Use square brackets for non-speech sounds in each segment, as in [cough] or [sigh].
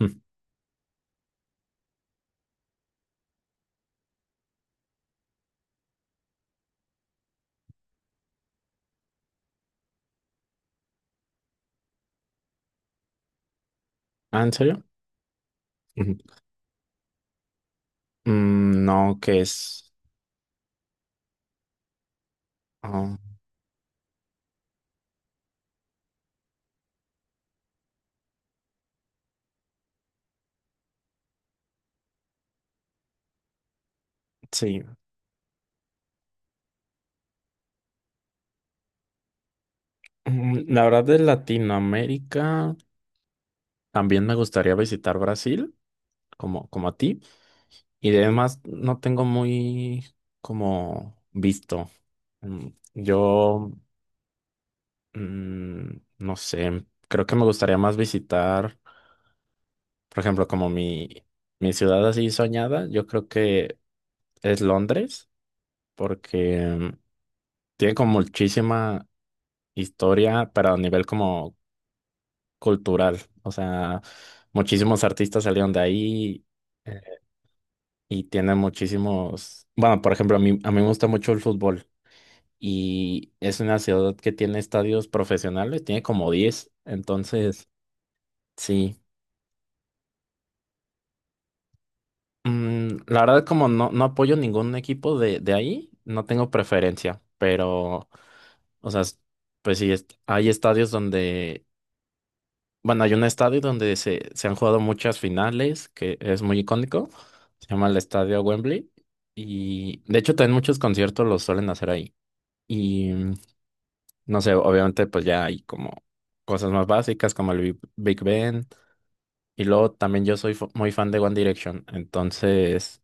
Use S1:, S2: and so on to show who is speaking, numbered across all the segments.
S1: Mm. ¿Ah, en serio? Ujú. No, que es. Ah, sí. La verdad, de Latinoamérica también me gustaría visitar Brasil, como a ti. Y además, no tengo muy como visto. Mm, Yo, mm, no sé, creo que me gustaría más visitar, por ejemplo, como mi ciudad así soñada, yo creo que es Londres, porque tiene como muchísima historia, pero a nivel como cultural. O sea, muchísimos artistas salieron de ahí, eh, y tienen muchísimos... Bueno, por ejemplo, a mí me gusta mucho el fútbol y es una ciudad que tiene estadios profesionales, tiene como 10, entonces. Sí. La verdad, como no, no apoyo ningún equipo de ahí, no tengo preferencia, pero, o sea, pues sí, est- hay estadios donde bueno, hay un estadio donde se han jugado muchas finales, que es muy icónico. Se llama el Estadio Wembley. Y de hecho también muchos conciertos los suelen hacer ahí. Y no sé, obviamente pues ya hay como cosas más básicas como el Big Ben. Y luego también yo soy muy fan de One Direction. Entonces,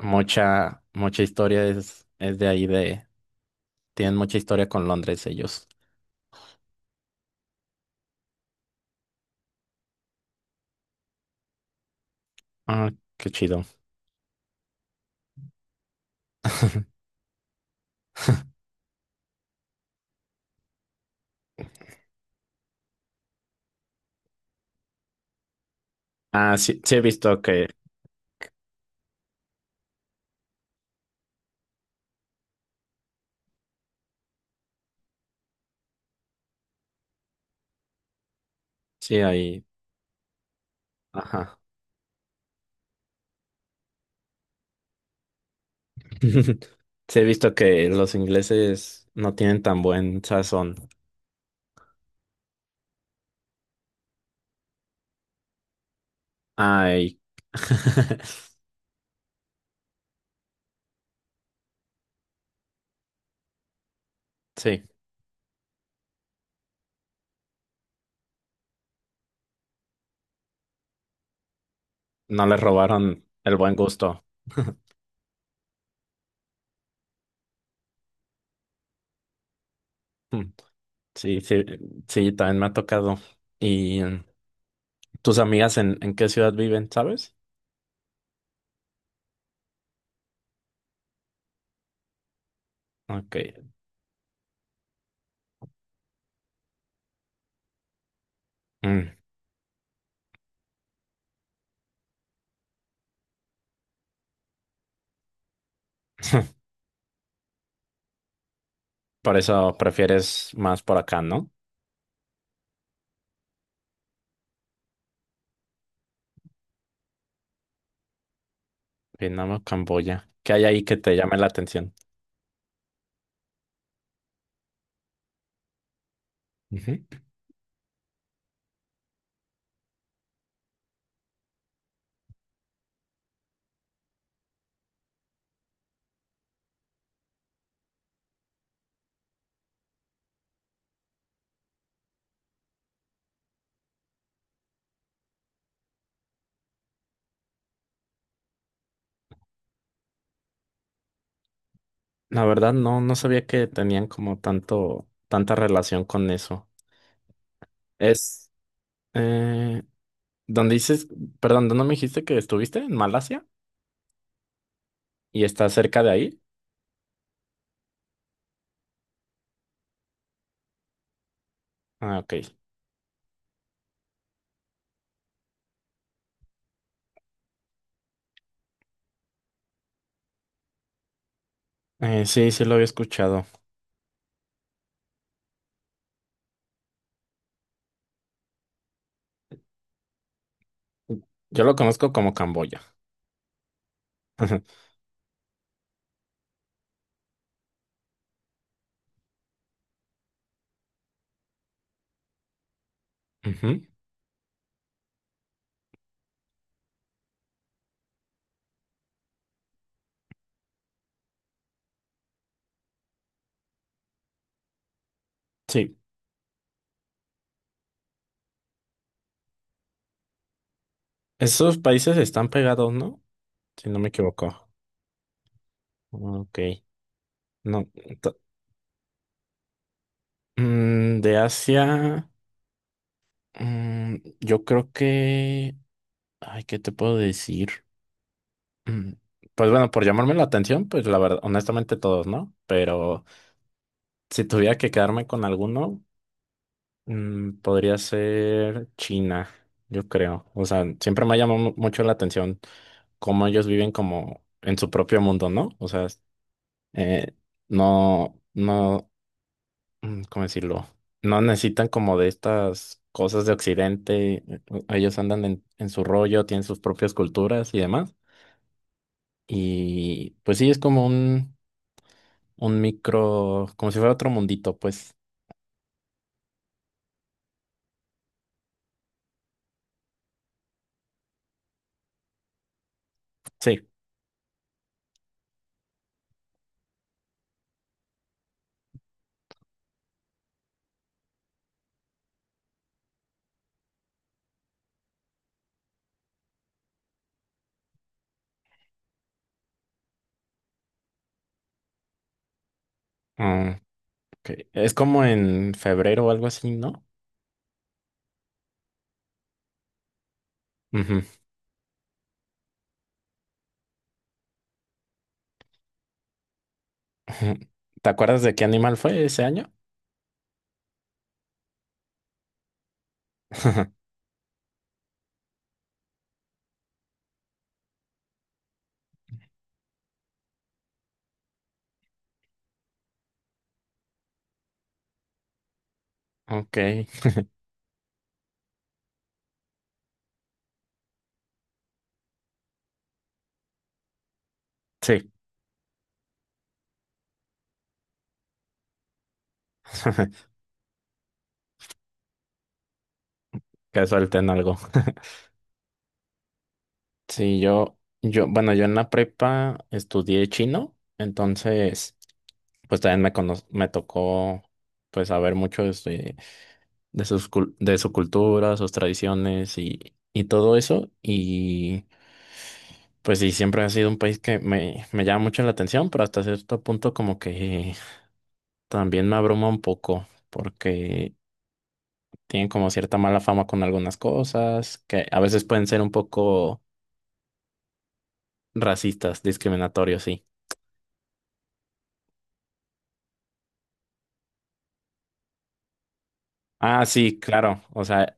S1: mucha, mucha historia es de ahí de... Tienen mucha historia con Londres ellos. Ah, qué chido. [laughs] Ah, sí, sí he visto que sí hay. Ajá. [laughs] Sí, he visto que los ingleses no tienen tan buen sazón. Ay. [laughs] Sí, no les robaron el buen gusto. [laughs] Sí, sí, sí, también me ha tocado. ¿Y tus amigas en qué ciudad viven, sabes? Ok. mm, [laughs] Por eso prefieres más por acá, ¿no? Vietnam o Camboya. ¿Qué hay ahí que te llame la atención? Ujú. La verdad, no, no sabía que tenían como tanto, tanta relación con eso. Es, eh, ¿Dónde dices, perdón, dónde me dijiste que estuviste? ¿En Malasia? ¿Y está cerca de ahí? Ah, ok. Sí, sí lo había escuchado. Yo lo conozco como Camboya. [laughs] Ujú. Sí, esos países están pegados, ¿no? Si no me equivoco. Ah, ok, no. to- de Asia, yo creo que... Ay, ¿qué te puedo decir? Mm, Pues bueno, por llamarme la atención, pues la verdad, honestamente todos, ¿no? Pero si tuviera que quedarme con alguno, podría ser China, yo creo. O sea, siempre me ha llamado mucho la atención cómo ellos viven como en su propio mundo, ¿no? O sea, eh, no, no, ¿cómo decirlo? No necesitan como de estas cosas de Occidente. Ellos andan en su rollo, tienen sus propias culturas y demás. Y pues sí, es como un micro, como si fuera otro mundito, pues sí. Mm, ok. Es como en febrero o algo así, ¿no? Ujú. [laughs] ¿Te acuerdas de qué animal fue ese año? [laughs] Ok, sí. [laughs] Que suelten algo. [laughs] Sí, yo, bueno, yo en la prepa estudié chino, entonces, pues también me tocó, pues, saber mucho de sus de su cultura, sus tradiciones y todo eso. Y pues sí, siempre ha sido un país que me llama mucho la atención, pero hasta cierto punto como que también me abruma un poco, porque tienen como cierta mala fama con algunas cosas, que a veces pueden ser un poco racistas, discriminatorios, sí. Ah, sí, claro. O sea,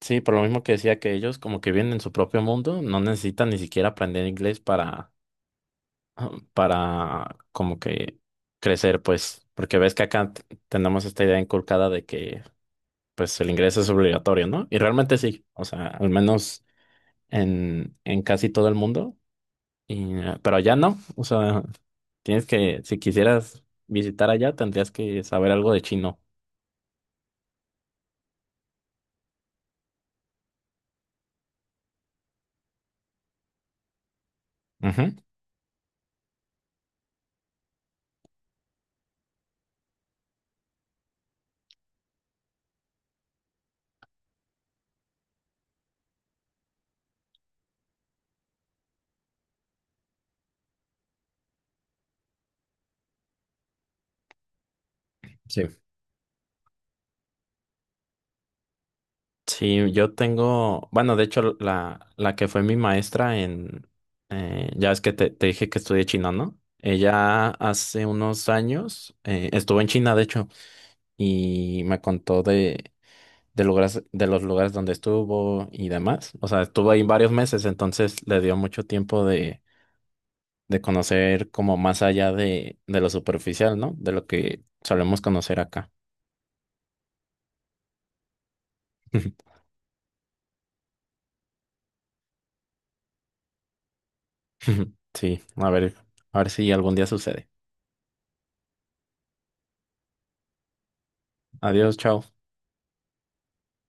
S1: sí, por lo mismo que decía que ellos como que viven en su propio mundo, no necesitan ni siquiera aprender inglés para, [clears throat] para como que crecer, pues, porque ves que acá tenemos esta idea inculcada de que pues el inglés es obligatorio, ¿no? Y realmente sí, o sea, al menos en casi todo el mundo, y pero allá no, o sea... Tienes que, si quisieras visitar allá, tendrías que saber algo de chino. Ujú. Sí. Sí, yo tengo, bueno, de hecho, la que fue mi maestra ya es que te dije que estudié chino, ¿no? Ella hace unos años estuvo en China, de hecho, y me contó de lugares, de los lugares donde estuvo y demás. O sea, estuvo ahí varios meses, entonces le dio mucho tiempo de conocer como más allá de lo superficial, ¿no? De lo que solemos conocer acá. [laughs] Sí, a ver si algún día sucede. Adiós, chao.